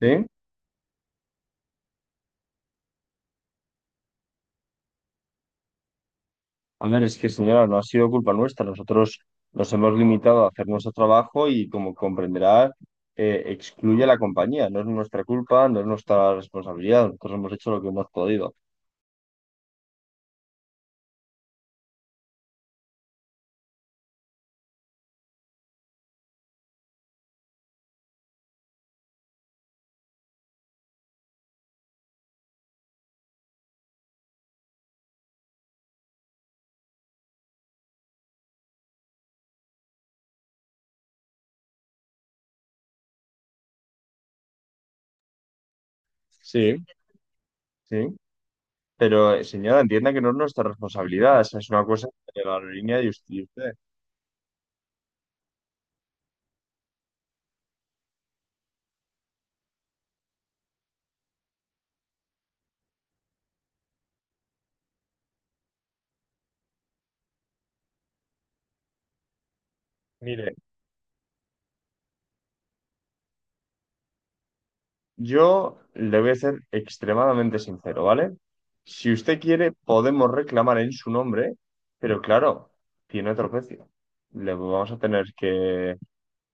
Sí, a ver, es que señora, no ha sido culpa nuestra. Nosotros nos hemos limitado a hacer nuestro trabajo y como comprenderá, excluye a la compañía. No es nuestra culpa, no es nuestra responsabilidad. Nosotros hemos hecho lo que hemos podido. Sí. Sí, pero señora, entienda que no es nuestra responsabilidad. Esa es una cosa de la aerolínea de usted. Mire, yo le voy a ser extremadamente sincero, ¿vale? Si usted quiere, podemos reclamar en su nombre, pero claro, tiene otro precio. Le vamos a tener que,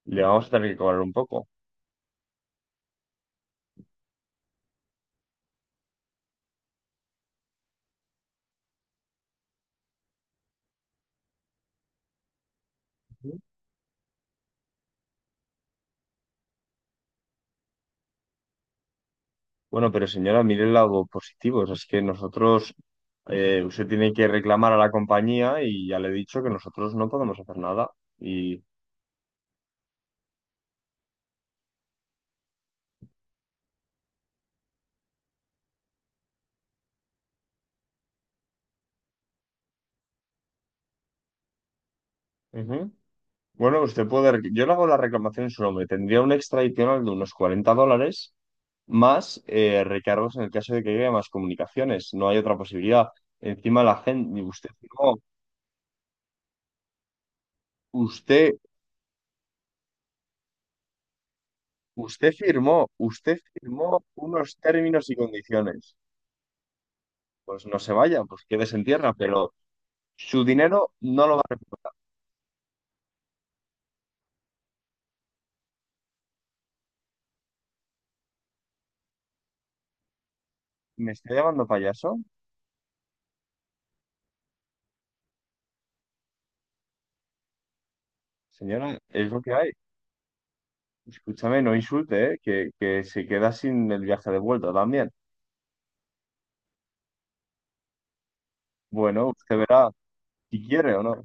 le vamos a tener que cobrar un poco. Bueno, pero señora, mire el lado positivo. O sea, es que nosotros, usted tiene que reclamar a la compañía y ya le he dicho que nosotros no podemos hacer nada. Y, ujú. Bueno, yo le hago la reclamación en su nombre. Tendría un extra adicional de unos 40 dólares más recargos en el caso de que llegue más comunicaciones. No hay otra posibilidad. Encima la gente. Usted firmó. Usted, usted firmó. Usted firmó unos términos y condiciones. Pues no se vaya, pues quédese en tierra, pero su dinero no lo va a recuperar. ¿Me está llamando payaso? Señora, es lo que hay. Escúchame, no insulte, ¿eh? Que se queda sin el viaje de vuelta también. Bueno, usted verá si quiere o no.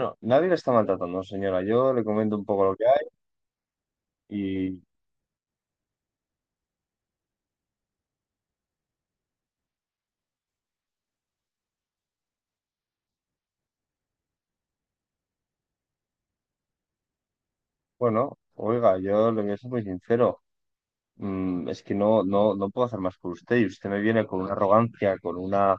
No, nadie le está maltratando, señora. Yo le comento un poco lo que hay y, bueno, oiga, yo le voy a ser muy sincero. Es que no, no, no puedo hacer más por usted y usted me viene con una arrogancia, con una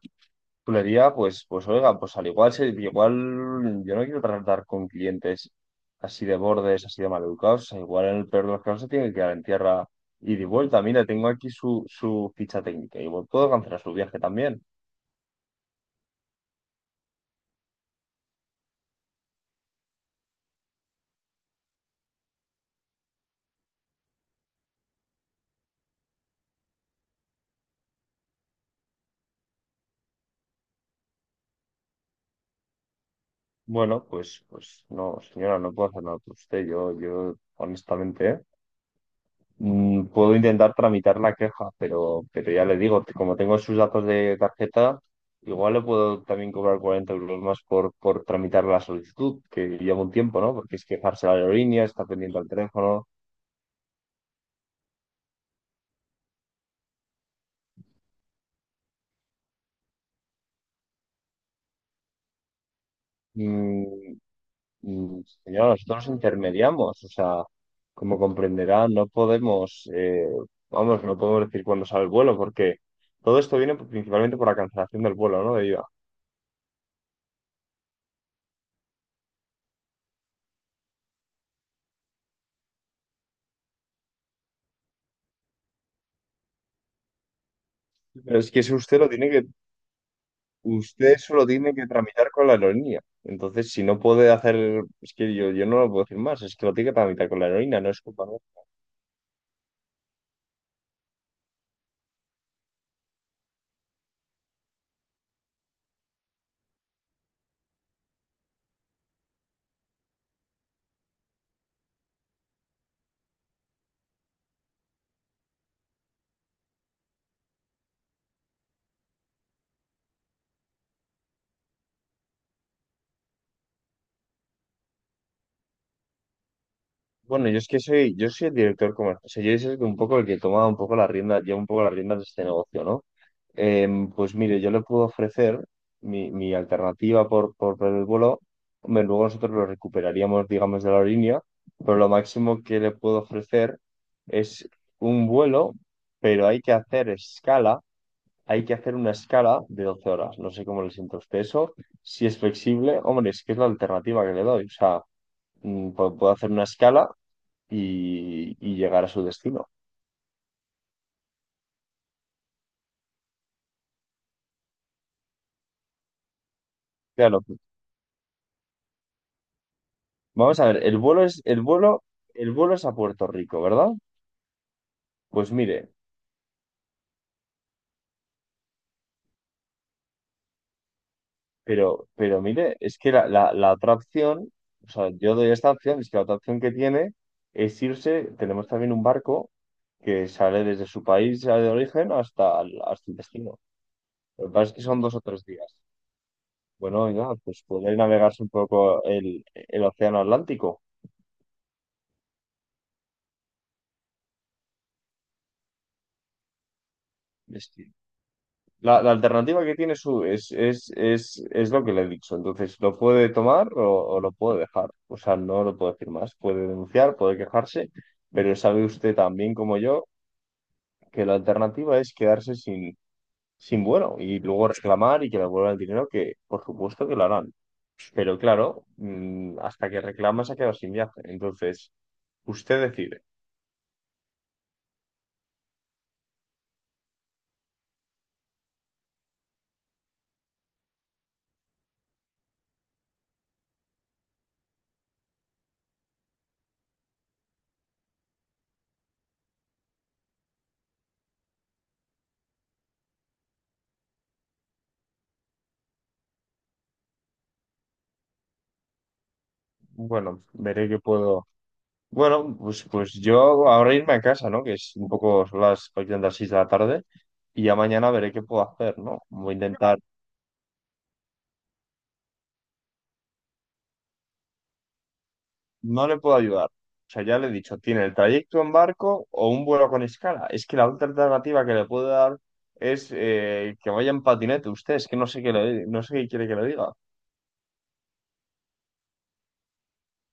chulería, pues, pues oiga, pues al igual, igual yo no quiero tratar con clientes así de bordes, así de maleducados. O sea, igual en el peor de los casos se tiene que quedar en tierra y de vuelta. Mira, tengo aquí su ficha técnica y puedo cancelar su viaje también. Bueno, pues, pues no, señora, no puedo hacer nada por usted. Honestamente, ¿eh? Puedo intentar tramitar la queja, pero ya le digo, como tengo sus datos de tarjeta, igual le puedo también cobrar 40 euros más por tramitar la solicitud, que lleva un tiempo, ¿no? Porque es quejarse a la aerolínea, está pendiente al teléfono. Mm, Señora, nosotros intermediamos, o sea, como comprenderá, no podemos, vamos, no podemos decir cuándo sale el vuelo, porque todo esto viene principalmente por la cancelación del vuelo, ¿no? De ida. Pero es que eso usted solo tiene que tramitar con la aerolínea. Entonces, si no puede hacer, es que yo no lo puedo decir más, es que lo tiene que tramitar con la aerolínea, no es culpa. Bueno, yo es que soy, yo soy el director comercial. O sea, yo soy un poco el que toma un poco la rienda, lleva un poco las riendas de este negocio, ¿no? Pues mire, yo le puedo ofrecer mi, mi alternativa por el vuelo. Hombre, luego nosotros lo recuperaríamos, digamos, de la aerolínea, pero lo máximo que le puedo ofrecer es un vuelo, pero hay que hacer escala, hay que hacer una escala de 12 horas. No sé cómo le siento a usted eso, si es flexible. Hombre, es que es la alternativa que le doy. O sea, puedo hacer una escala y llegar a su destino. Claro. Vamos a ver, el vuelo es a Puerto Rico, ¿verdad? Pues mire, pero mire, es que la otra opción, o sea, yo doy esta opción, es que la otra opción que tiene es irse, tenemos también un barco que sale desde su país de origen hasta, hasta el destino. Lo que pasa es que son dos o tres días. Bueno, oiga, pues poder navegarse un poco el océano Atlántico. La alternativa que tiene su es lo que le he dicho. Entonces, ¿lo puede tomar o lo puede dejar? O sea, no lo puedo decir más. Puede denunciar, puede quejarse, pero sabe usted tan bien como yo que la alternativa es quedarse sin, sin vuelo y luego reclamar y que le vuelvan el dinero, que por supuesto que lo harán. Pero claro, hasta que reclama se ha quedado sin viaje. Entonces, usted decide. Bueno, veré qué puedo, Bueno, pues, pues yo ahora irme a casa, ¿no? Que es un poco son las prácticamente las 6 de la tarde y ya mañana veré qué puedo hacer, ¿no? No le puedo ayudar. O sea, ya le he dicho, tiene el trayecto en barco o un vuelo con escala. Es que la otra alternativa que le puedo dar es que vaya en patinete usted, es que no sé qué le, no sé qué quiere que le diga.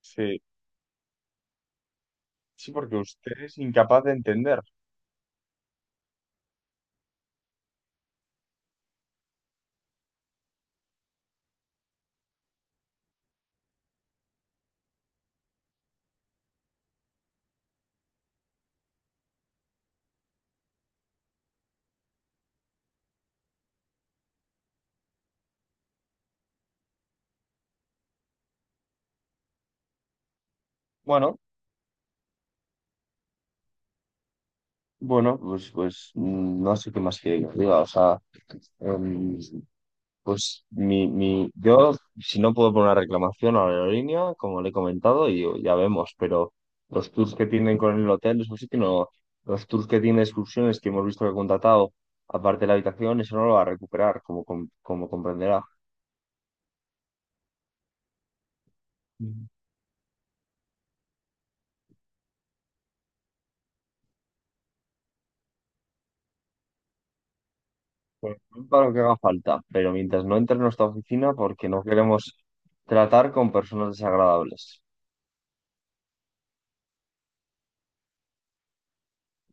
Sí, sí, porque usted es incapaz de entender. Bueno, bueno, pues, pues no sé qué más quiere que le diga. O sea, em, Pues si no puedo poner una reclamación a la aerolínea, como le he comentado, y ya vemos, pero los tours que tienen con el hotel, eso sí que no, los tours que tienen excursiones que hemos visto que ha contratado, aparte de la habitación, eso no lo va a recuperar, como, como comprenderá. Mm. Pues, para lo que haga falta, pero mientras no entre en nuestra oficina, porque no queremos tratar con personas desagradables.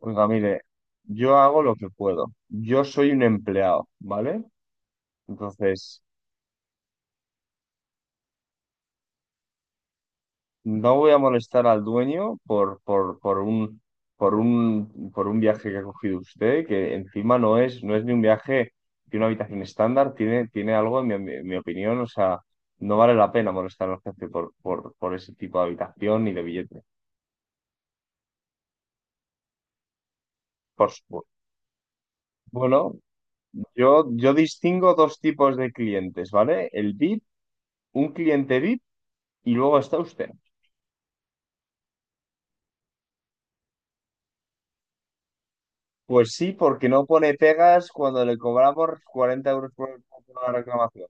Oiga, mire, yo hago lo que puedo. Yo soy un empleado, ¿vale? Entonces. No voy a molestar al dueño por un viaje que ha cogido usted, que encima no es, no es ni un viaje de una habitación estándar, tiene, tiene algo, en mi opinión, o sea, no vale la pena molestar al jefe por ese tipo de habitación y de billete. Por supuesto. Bueno, yo distingo dos tipos de clientes, ¿vale? Un cliente VIP y luego está usted. Pues sí, porque no pone pegas cuando le cobramos 40 euros por la reclamación.